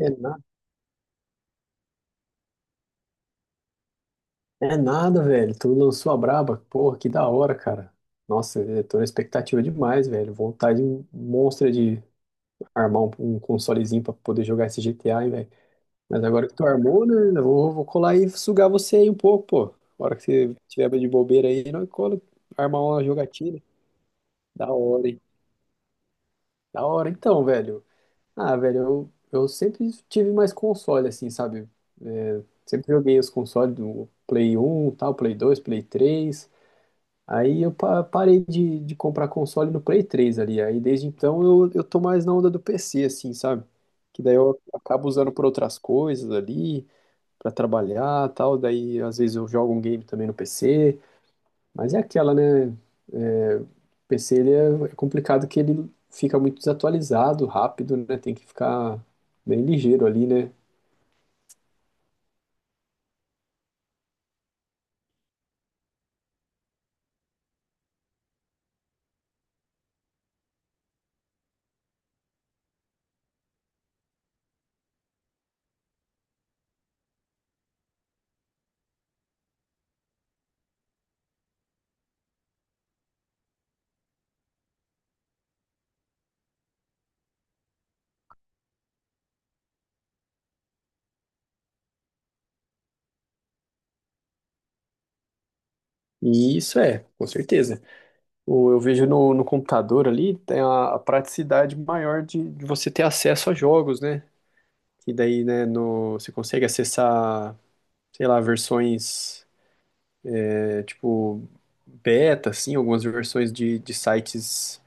É, na... é nada, velho. Tu lançou a braba. Porra, que da hora, cara. Nossa, eu tô na expectativa demais, velho. Vontade monstra de armar um consolezinho pra poder jogar esse GTA, hein, velho. Mas agora que tu armou, né? Eu vou colar e sugar você aí um pouco, pô. A hora que você tiver de bobeira aí, nós cola, armar uma jogatina. Da hora, hein? Da hora, então, velho. Ah, velho, eu sempre tive mais console, assim, sabe? É, sempre joguei os consoles do Play 1, tal, Play 2, Play 3. Aí eu parei de comprar console no Play 3 ali. Aí desde então eu tô mais na onda do PC, assim, sabe? Que daí eu acabo usando por outras coisas ali, pra trabalhar e tal. Daí às vezes eu jogo um game também no PC. Mas é aquela, né? É, o PC ele é complicado que ele fica muito desatualizado rápido, né? Tem que ficar bem ligeiro ali, né? E isso é, com certeza. Eu vejo no computador ali, tem a praticidade maior de você ter acesso a jogos, né? E daí, né, no, você consegue acessar, sei lá, versões, é, tipo, beta, assim, algumas versões de sites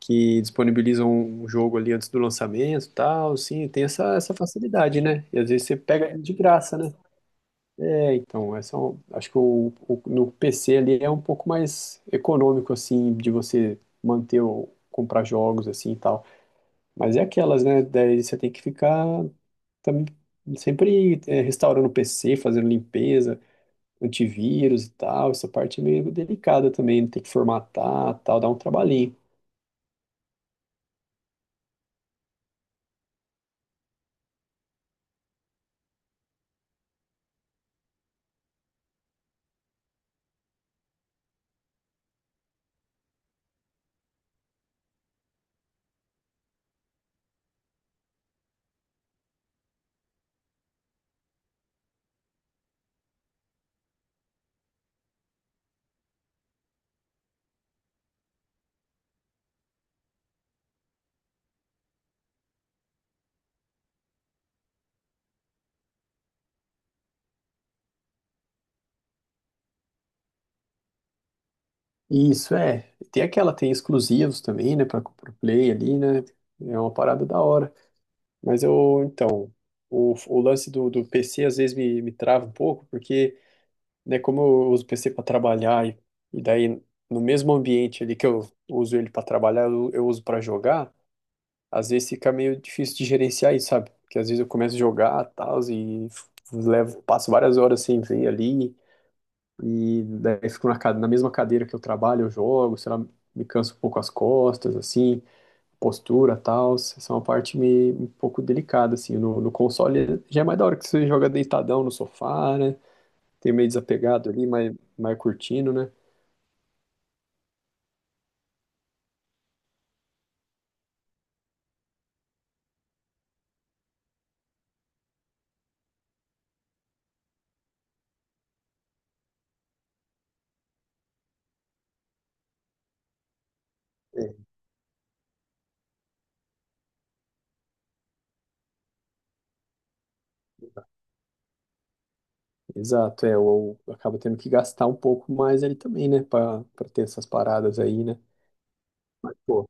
que disponibilizam um jogo ali antes do lançamento e tal, assim, tem essa, essa facilidade, né? E às vezes você pega de graça, né? É, então, essa, é acho que o, no PC ali é um pouco mais econômico, assim, de você manter ou comprar jogos, assim, e tal. Mas é aquelas, né? Daí você tem que ficar também sempre é, restaurando o PC, fazendo limpeza, antivírus e tal. Essa parte é meio delicada também, né, tem que formatar, tal, dá um trabalhinho. Isso, é. Tem aquela, tem exclusivos também, né, para o Play ali, né? É uma parada da hora. Mas eu, então, o lance do, do PC às vezes me trava um pouco, porque, né, como eu uso o PC para trabalhar e daí no mesmo ambiente ali que eu uso ele para trabalhar, eu uso para jogar, às vezes fica meio difícil de gerenciar isso, sabe? Porque às vezes eu começo a jogar tal, e levo, passo várias horas sem ver ali, e daí fico na, na mesma cadeira que eu trabalho, eu jogo, sei lá, me canso um pouco as costas, assim postura tal, essa é uma parte meio, um pouco delicada, assim, no, no console já é mais da hora que você joga deitadão no sofá, né, tem meio desapegado ali, mais, mais curtindo, né. É, exato, é, ou acaba tendo que gastar um pouco mais ali também, né, pra, pra ter essas paradas aí, né, mas, pô,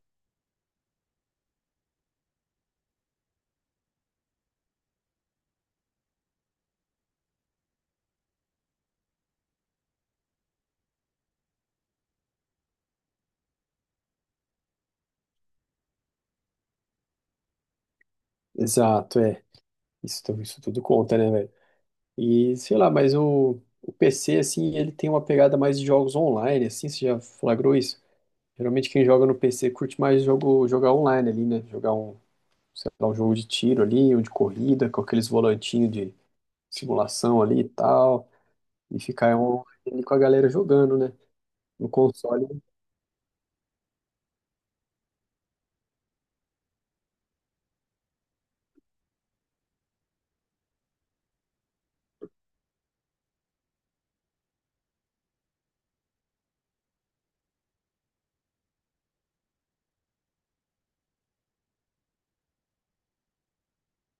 exato, é, isso, isso tudo conta, né, velho, e sei lá, mas o PC, assim, ele tem uma pegada mais de jogos online, assim, você já flagrou isso? Geralmente quem joga no PC curte mais jogo, jogar online ali, né? Jogar um, lá, um jogo de tiro ali, um de corrida, com aqueles volantinhos de simulação ali e tal, e ficar online com a galera jogando, né? No console,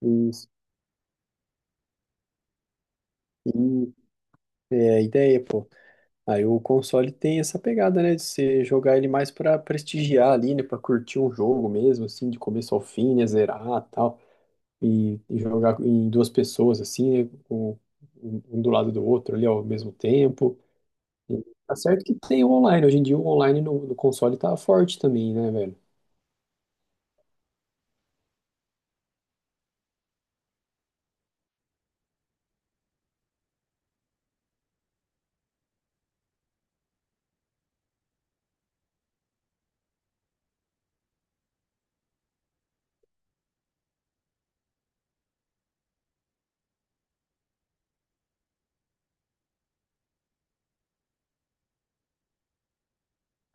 isso. E é a ideia, pô. Aí o console tem essa pegada, né? De você jogar ele mais pra prestigiar ali, né? Pra curtir um jogo mesmo, assim, de começo ao fim, né? Zerar e tal. E jogar em duas pessoas, assim, né? Um um do lado do outro ali ao mesmo tempo. E tá certo que tem o online. Hoje em dia o online no, no console tá forte também, né, velho?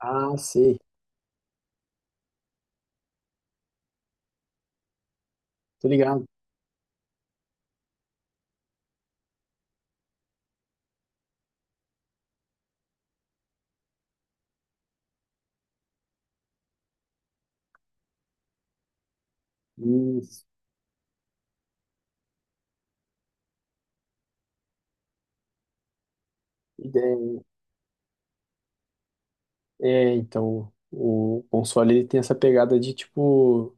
Ah, sei. Tô ligado. Hum, ideia, hein? É, então, o console ele tem essa pegada de tipo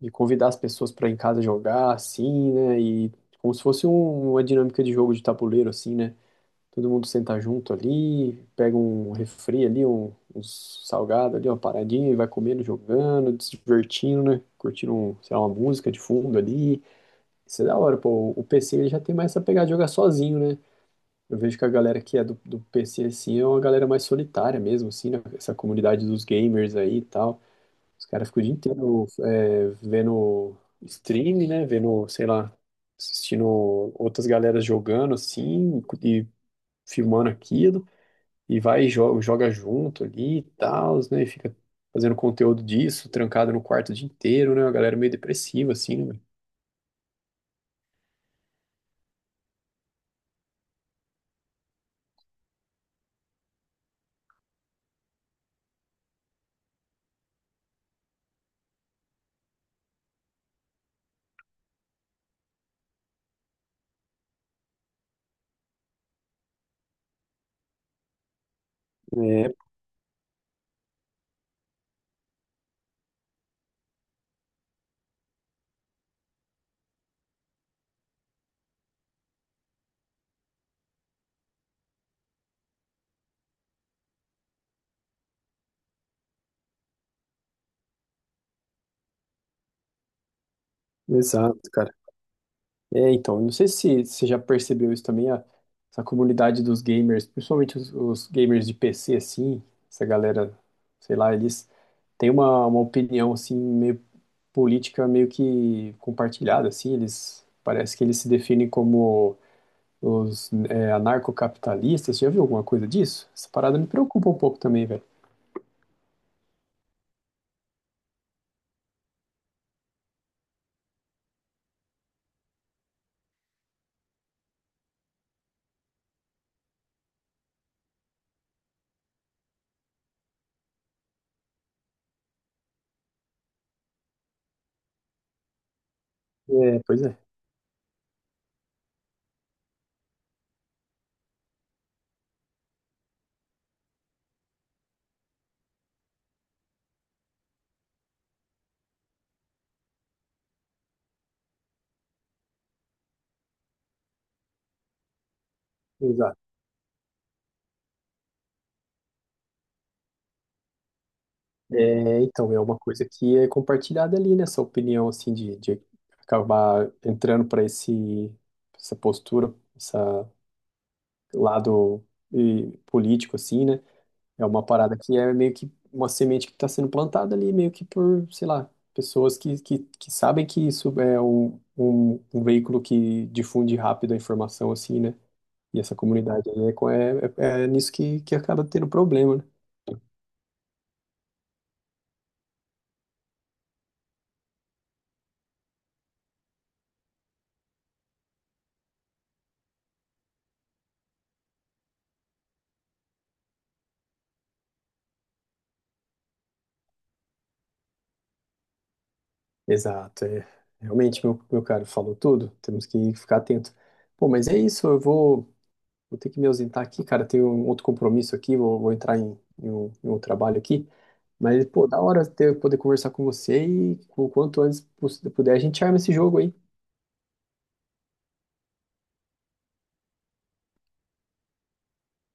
de convidar as pessoas para em casa jogar assim, né? E como se fosse uma dinâmica de jogo de tabuleiro assim, né? Todo mundo senta junto ali, pega um refri ali, um, uns salgado ali, uma paradinha e vai comendo, jogando, se divertindo, né? Curtindo, um, sei lá, uma música de fundo ali. Isso é da hora, pô. O PC ele já tem mais essa pegada de jogar sozinho, né? Eu vejo que a galera que é do, do PC, assim, é uma galera mais solitária mesmo, assim, né? Essa comunidade dos gamers aí e tal. Os caras ficam o dia inteiro é, vendo stream, né? Vendo, sei lá, assistindo outras galeras jogando, assim, e filmando aquilo. E vai e joga, joga junto ali e tal, né? E fica fazendo conteúdo disso, trancado no quarto o dia inteiro, né? Uma galera meio depressiva, assim, né? É, exato, cara. É, então, não sei se você já percebeu isso também, essa comunidade dos gamers, principalmente os gamers de PC, assim, essa galera, sei lá, eles têm uma opinião, assim, meio política, meio que compartilhada, assim, eles, parece que eles se definem como os é, anarcocapitalistas, você já viu alguma coisa disso? Essa parada me preocupa um pouco também, velho. É, pois é, exato. É, então, é uma coisa que é compartilhada ali, né? Essa opinião, assim, de acabar entrando para esse, essa postura, essa lado e, político, assim, né? É uma parada que é meio que uma semente que está sendo plantada ali, meio que por, sei lá, pessoas que sabem que isso é um, um, um veículo que difunde rápido a informação, assim, né? E essa comunidade aí é, é, é, é nisso que acaba tendo problema, né? Exato, é. Realmente, meu caro falou tudo. Temos que ficar atento. Pô, mas é isso, eu vou ter que me ausentar aqui, cara. Tenho um outro compromisso aqui, vou entrar em, em um trabalho aqui. Mas, pô, da hora ter, poder conversar com você e o quanto antes puder, a gente arma esse jogo aí.